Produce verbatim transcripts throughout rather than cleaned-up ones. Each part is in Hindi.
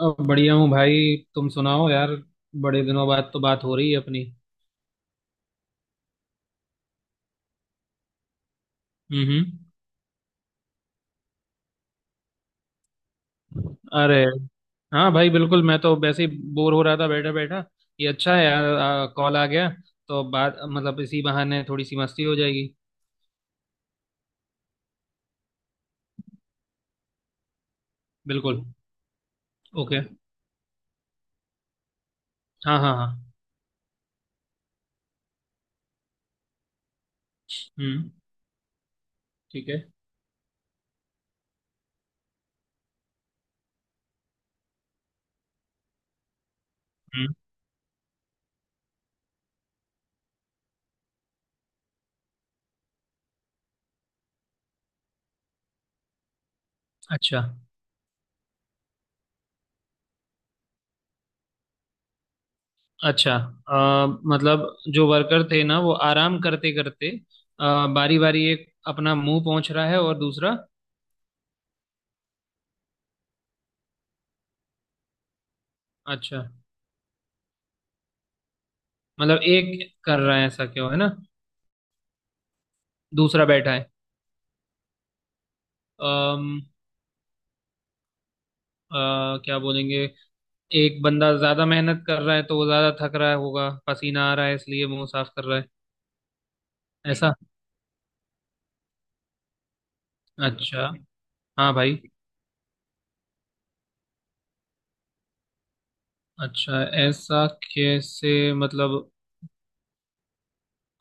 अ, बढ़िया हूँ भाई। तुम सुनाओ यार। बड़े दिनों बाद तो बात हो रही है अपनी। हम्म। अरे हाँ भाई बिल्कुल, मैं तो वैसे ही बोर हो रहा था बैठा बैठा। ये अच्छा है यार, आ, कॉल आ गया। तो बात मतलब इसी बहाने थोड़ी सी मस्ती हो जाएगी। बिल्कुल। ओके। हाँ हाँ हाँ। हम्म। ठीक है। हम्म। अच्छा। अच्छा। आ, मतलब जो वर्कर थे ना वो आराम करते करते आ, बारी बारी एक अपना मुंह पहुंच रहा है और दूसरा। अच्छा। मतलब एक कर रहा है, ऐसा क्यों है ना? दूसरा बैठा है। अम, अ, क्या बोलेंगे? एक बंदा ज्यादा मेहनत कर रहा है तो वो ज्यादा थक रहा होगा, पसीना आ रहा है, इसलिए मुंह साफ कर रहा है। ऐसा। अच्छा। हाँ भाई। अच्छा ऐसा। कैसे मतलब?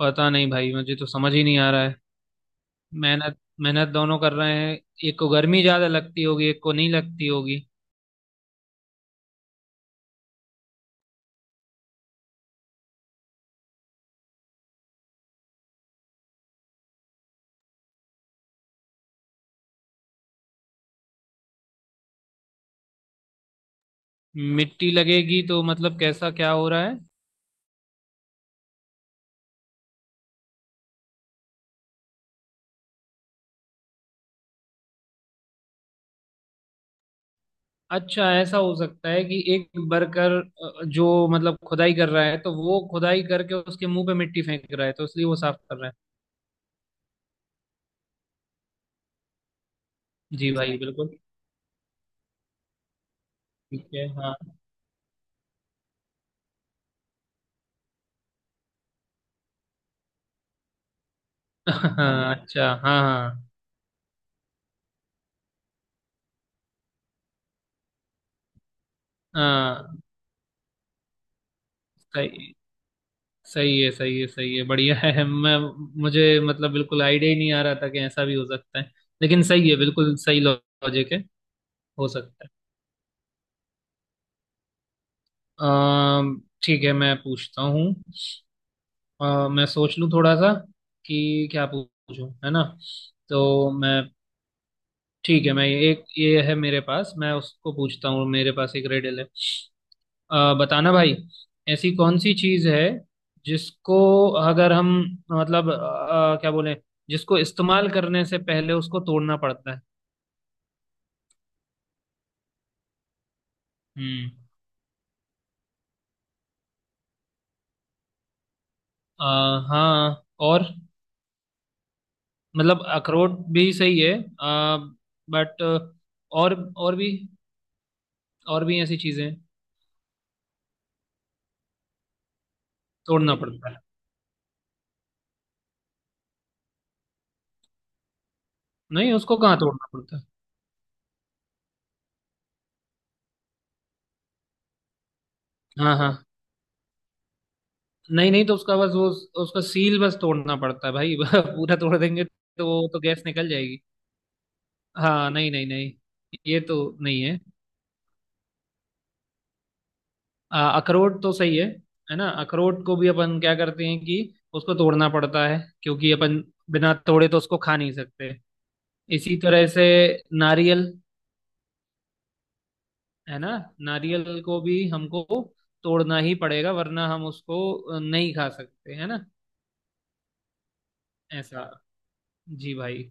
पता नहीं भाई, मुझे तो समझ ही नहीं आ रहा है। मेहनत मेहनत दोनों कर रहे हैं। एक को गर्मी ज्यादा लगती होगी, एक को नहीं लगती होगी। मिट्टी लगेगी तो मतलब कैसा, क्या हो रहा है? अच्छा, ऐसा हो सकता है कि एक वर्कर अ, जो मतलब खुदाई कर रहा है तो वो खुदाई करके उसके मुंह पे मिट्टी फेंक रहा है तो इसलिए वो साफ कर रहा है। जी ऐसा भाई है बिल्कुल। ठीक है। हाँ। हाँ अच्छा हाँ हाँ। हाँ सही। सही है सही है सही है, बढ़िया है। मैं मुझे मतलब बिल्कुल आइडिया ही नहीं आ रहा था कि ऐसा भी हो सकता है। लेकिन सही है, बिल्कुल सही लॉजिक है। हो सकता है। अम, ठीक है, मैं पूछता हूँ। अ, मैं सोच लूँ थोड़ा सा कि क्या पूछूं, है ना? तो मैं ठीक है, मैं ये- एक ये है मेरे पास, मैं उसको पूछता हूँ। मेरे पास एक रेडल है। अ, बताना भाई, ऐसी कौन सी चीज़ है जिसको अगर हम, मतलब अ, क्या बोले, जिसको इस्तेमाल करने से पहले उसको तोड़ना पड़ता है? हम्म। अ, हाँ। और मतलब अखरोट भी सही है, बट और और भी, और भी ऐसी चीज़ें हैं, तोड़ना पड़ता है। नहीं, उसको कहाँ तोड़ना पड़ता है? हाँ हाँ। नहीं नहीं, तो उसका बस वो, उसका सील बस तोड़ना पड़ता है भाई। पूरा तोड़ देंगे तो वो तो गैस निकल जाएगी। हाँ, नहीं नहीं नहीं, ये तो नहीं है। आ, अखरोट तो सही है है ना? अखरोट को भी अपन क्या करते हैं कि उसको तोड़ना पड़ता है, क्योंकि अपन बिना तोड़े तो उसको खा नहीं सकते। इसी तरह से नारियल, है ना? नारियल को भी हमको तोड़ना ही पड़ेगा वरना हम उसको नहीं खा सकते, है ना? ऐसा। जी भाई।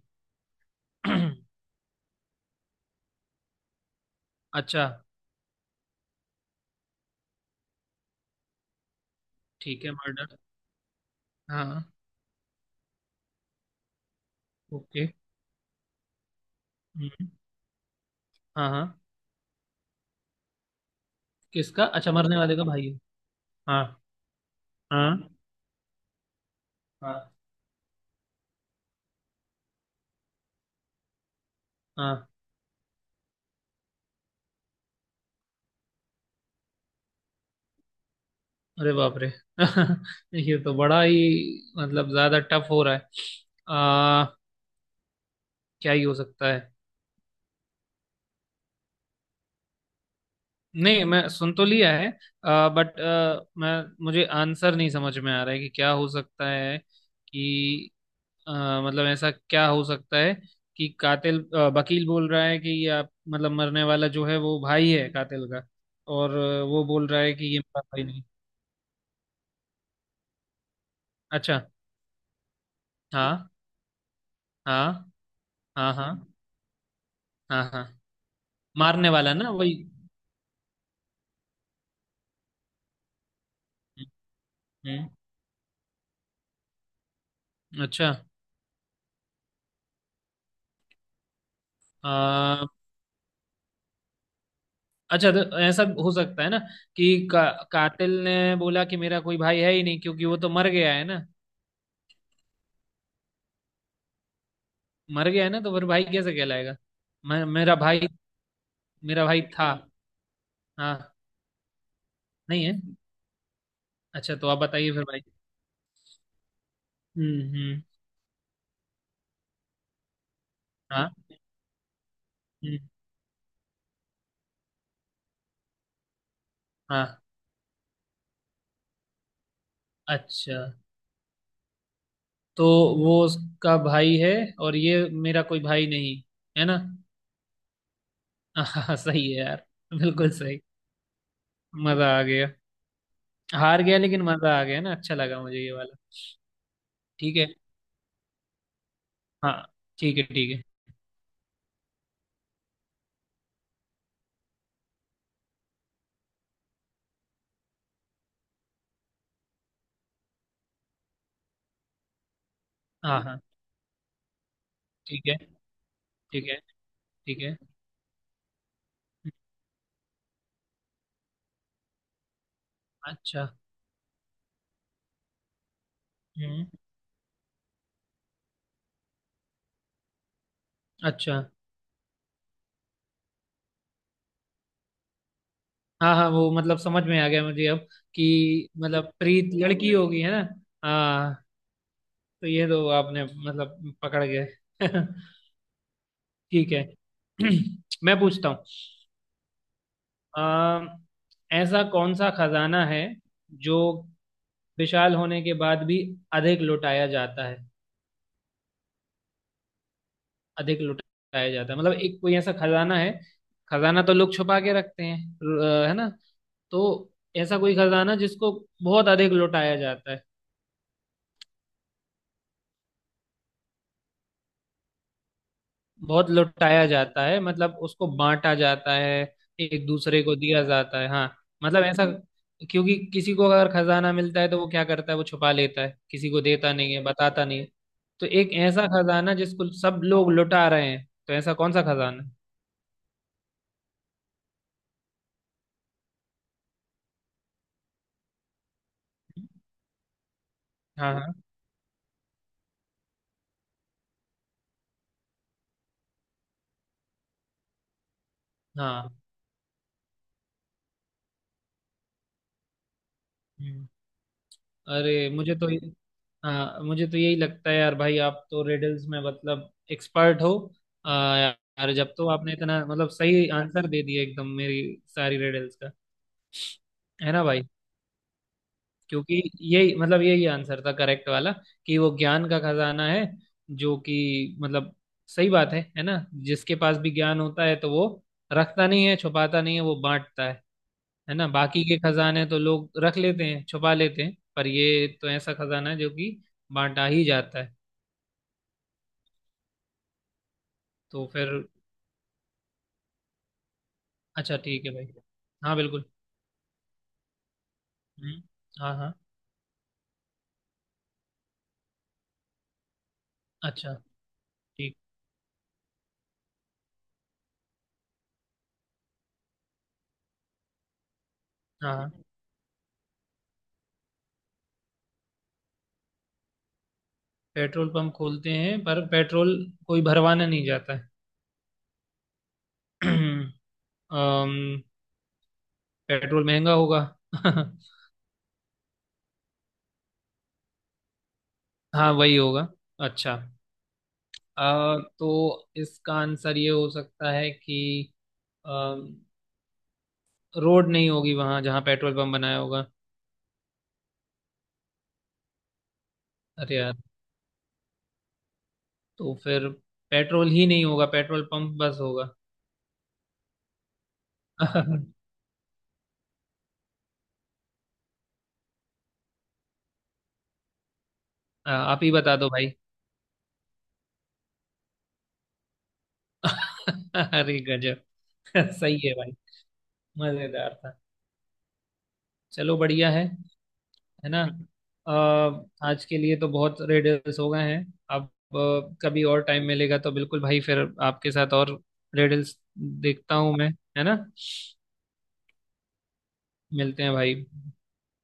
अच्छा। ठीक है, मर्डर। हाँ। ओके। हम्म। हाँ हाँ। किसका? अच्छा, मरने वाले का भाई है। हाँ हाँ। हाँ हाँ। अरे बाप रे। ये तो बड़ा ही मतलब ज्यादा टफ हो रहा है। आ, क्या ही हो सकता है? नहीं, मैं सुन तो लिया है। आ, बट आ, मैं मुझे आंसर नहीं समझ में आ रहा है कि क्या हो सकता है कि अ, मतलब ऐसा क्या हो सकता है कि कातिल अ, वकील बोल रहा है कि ये आप मतलब मरने वाला जो है वो भाई है कातिल का, और अ, वो बोल रहा है कि ये मेरा भाई नहीं। अच्छा। हाँ हाँ हाँ हाँ हाँ हाँ। मारने वाला ना वही। हम्म। अच्छा। अ, अच्छा, तो ऐसा हो सकता है ना कि का, कातिल ने बोला कि मेरा कोई भाई है ही नहीं क्योंकि वो तो मर गया है ना। मर गया है ना तो फिर भाई कैसे कहलाएगा? मैं, मेरा भाई, मेरा भाई था। हाँ। नहीं है। अच्छा, तो आप बताइए फिर भाई। हम्म हम्म। हाँ। हम्म। हाँ। अच्छा। तो वो उसका भाई है और ये मेरा कोई भाई नहीं, है ना? हाँ सही है यार। बिल्कुल सही। मजा आ गया। हार गया लेकिन मजा आ गया ना, अच्छा लगा मुझे ये वाला। ठीक है। हाँ। ठीक है ठीक है। हाँ हाँ। ठीक है ठीक है ठीक है। अच्छा। हम्म। अच्छा। हाँ हाँ, वो मतलब समझ में आ गया मुझे अब कि मतलब प्रीत लड़की होगी, है ना? हाँ। तो ये तो आपने मतलब पकड़ गए। ठीक है। मैं पूछता हूँ। अम, ऐसा कौन सा खजाना है जो विशाल होने के बाद भी अधिक लुटाया जाता है? अधिक लुटाया जाता है मतलब एक कोई ऐसा खजाना है। खजाना तो लोग छुपा के रखते हैं अ, है ना? तो ऐसा कोई खजाना जिसको बहुत अधिक लुटाया जाता है, बहुत लुटाया जाता है मतलब उसको बांटा जाता है, एक दूसरे को दिया जाता है, हाँ। मतलब ऐसा, क्योंकि किसी को अगर खजाना मिलता है तो वो क्या करता है, वो छुपा लेता है, किसी को देता नहीं है, बताता नहीं है। तो एक ऐसा खजाना जिसको सब लोग लुटा रहे हैं, तो ऐसा कौन सा खजाना है? हाँ हाँ हाँ। हम्म। अरे मुझे तो ये- हाँ, मुझे तो यही लगता है यार भाई, आप तो रिडल्स में मतलब एक्सपर्ट हो। आ, यार जब तो आपने इतना मतलब सही आंसर दे दिया एकदम मेरी सारी रिडल्स का, है ना भाई? क्योंकि यही मतलब यही आंसर था करेक्ट वाला, कि वो ज्ञान का खजाना है, जो कि मतलब सही बात है है ना? जिसके पास भी ज्ञान होता है तो वो रखता नहीं है, छुपाता नहीं है, वो बांटता है। है ना? बाकी के खजाने तो लोग रख लेते हैं, छुपा लेते हैं, पर ये तो ऐसा खजाना है जो कि बांटा ही जाता है। तो फिर अच्छा ठीक है भाई। हाँ बिल्कुल। हम्म। हाँ हाँ। अच्छा। ठीक। हाँ हाँ। पेट्रोल पंप खोलते हैं पर पेट्रोल कोई भरवाना नहीं जाता है। अम्म, पेट्रोल महंगा होगा। हाँ वही होगा। अच्छा। अ, तो इसका आंसर ये हो सकता है कि अम्म, रोड नहीं होगी वहां जहाँ पेट्रोल पंप बनाया होगा। अरे यार, तो फिर पेट्रोल ही नहीं होगा, पेट्रोल पंप बस होगा। अ, आप ही बता दो भाई। अरे गजब। सही है भाई। मजेदार था। चलो बढ़िया है है ना? अ, आज के लिए तो बहुत रेडल्स हो गए हैं। अब अ, कभी और टाइम मिलेगा तो बिल्कुल भाई फिर आपके साथ और रेडल्स देखता हूँ मैं, है ना? मिलते हैं भाई।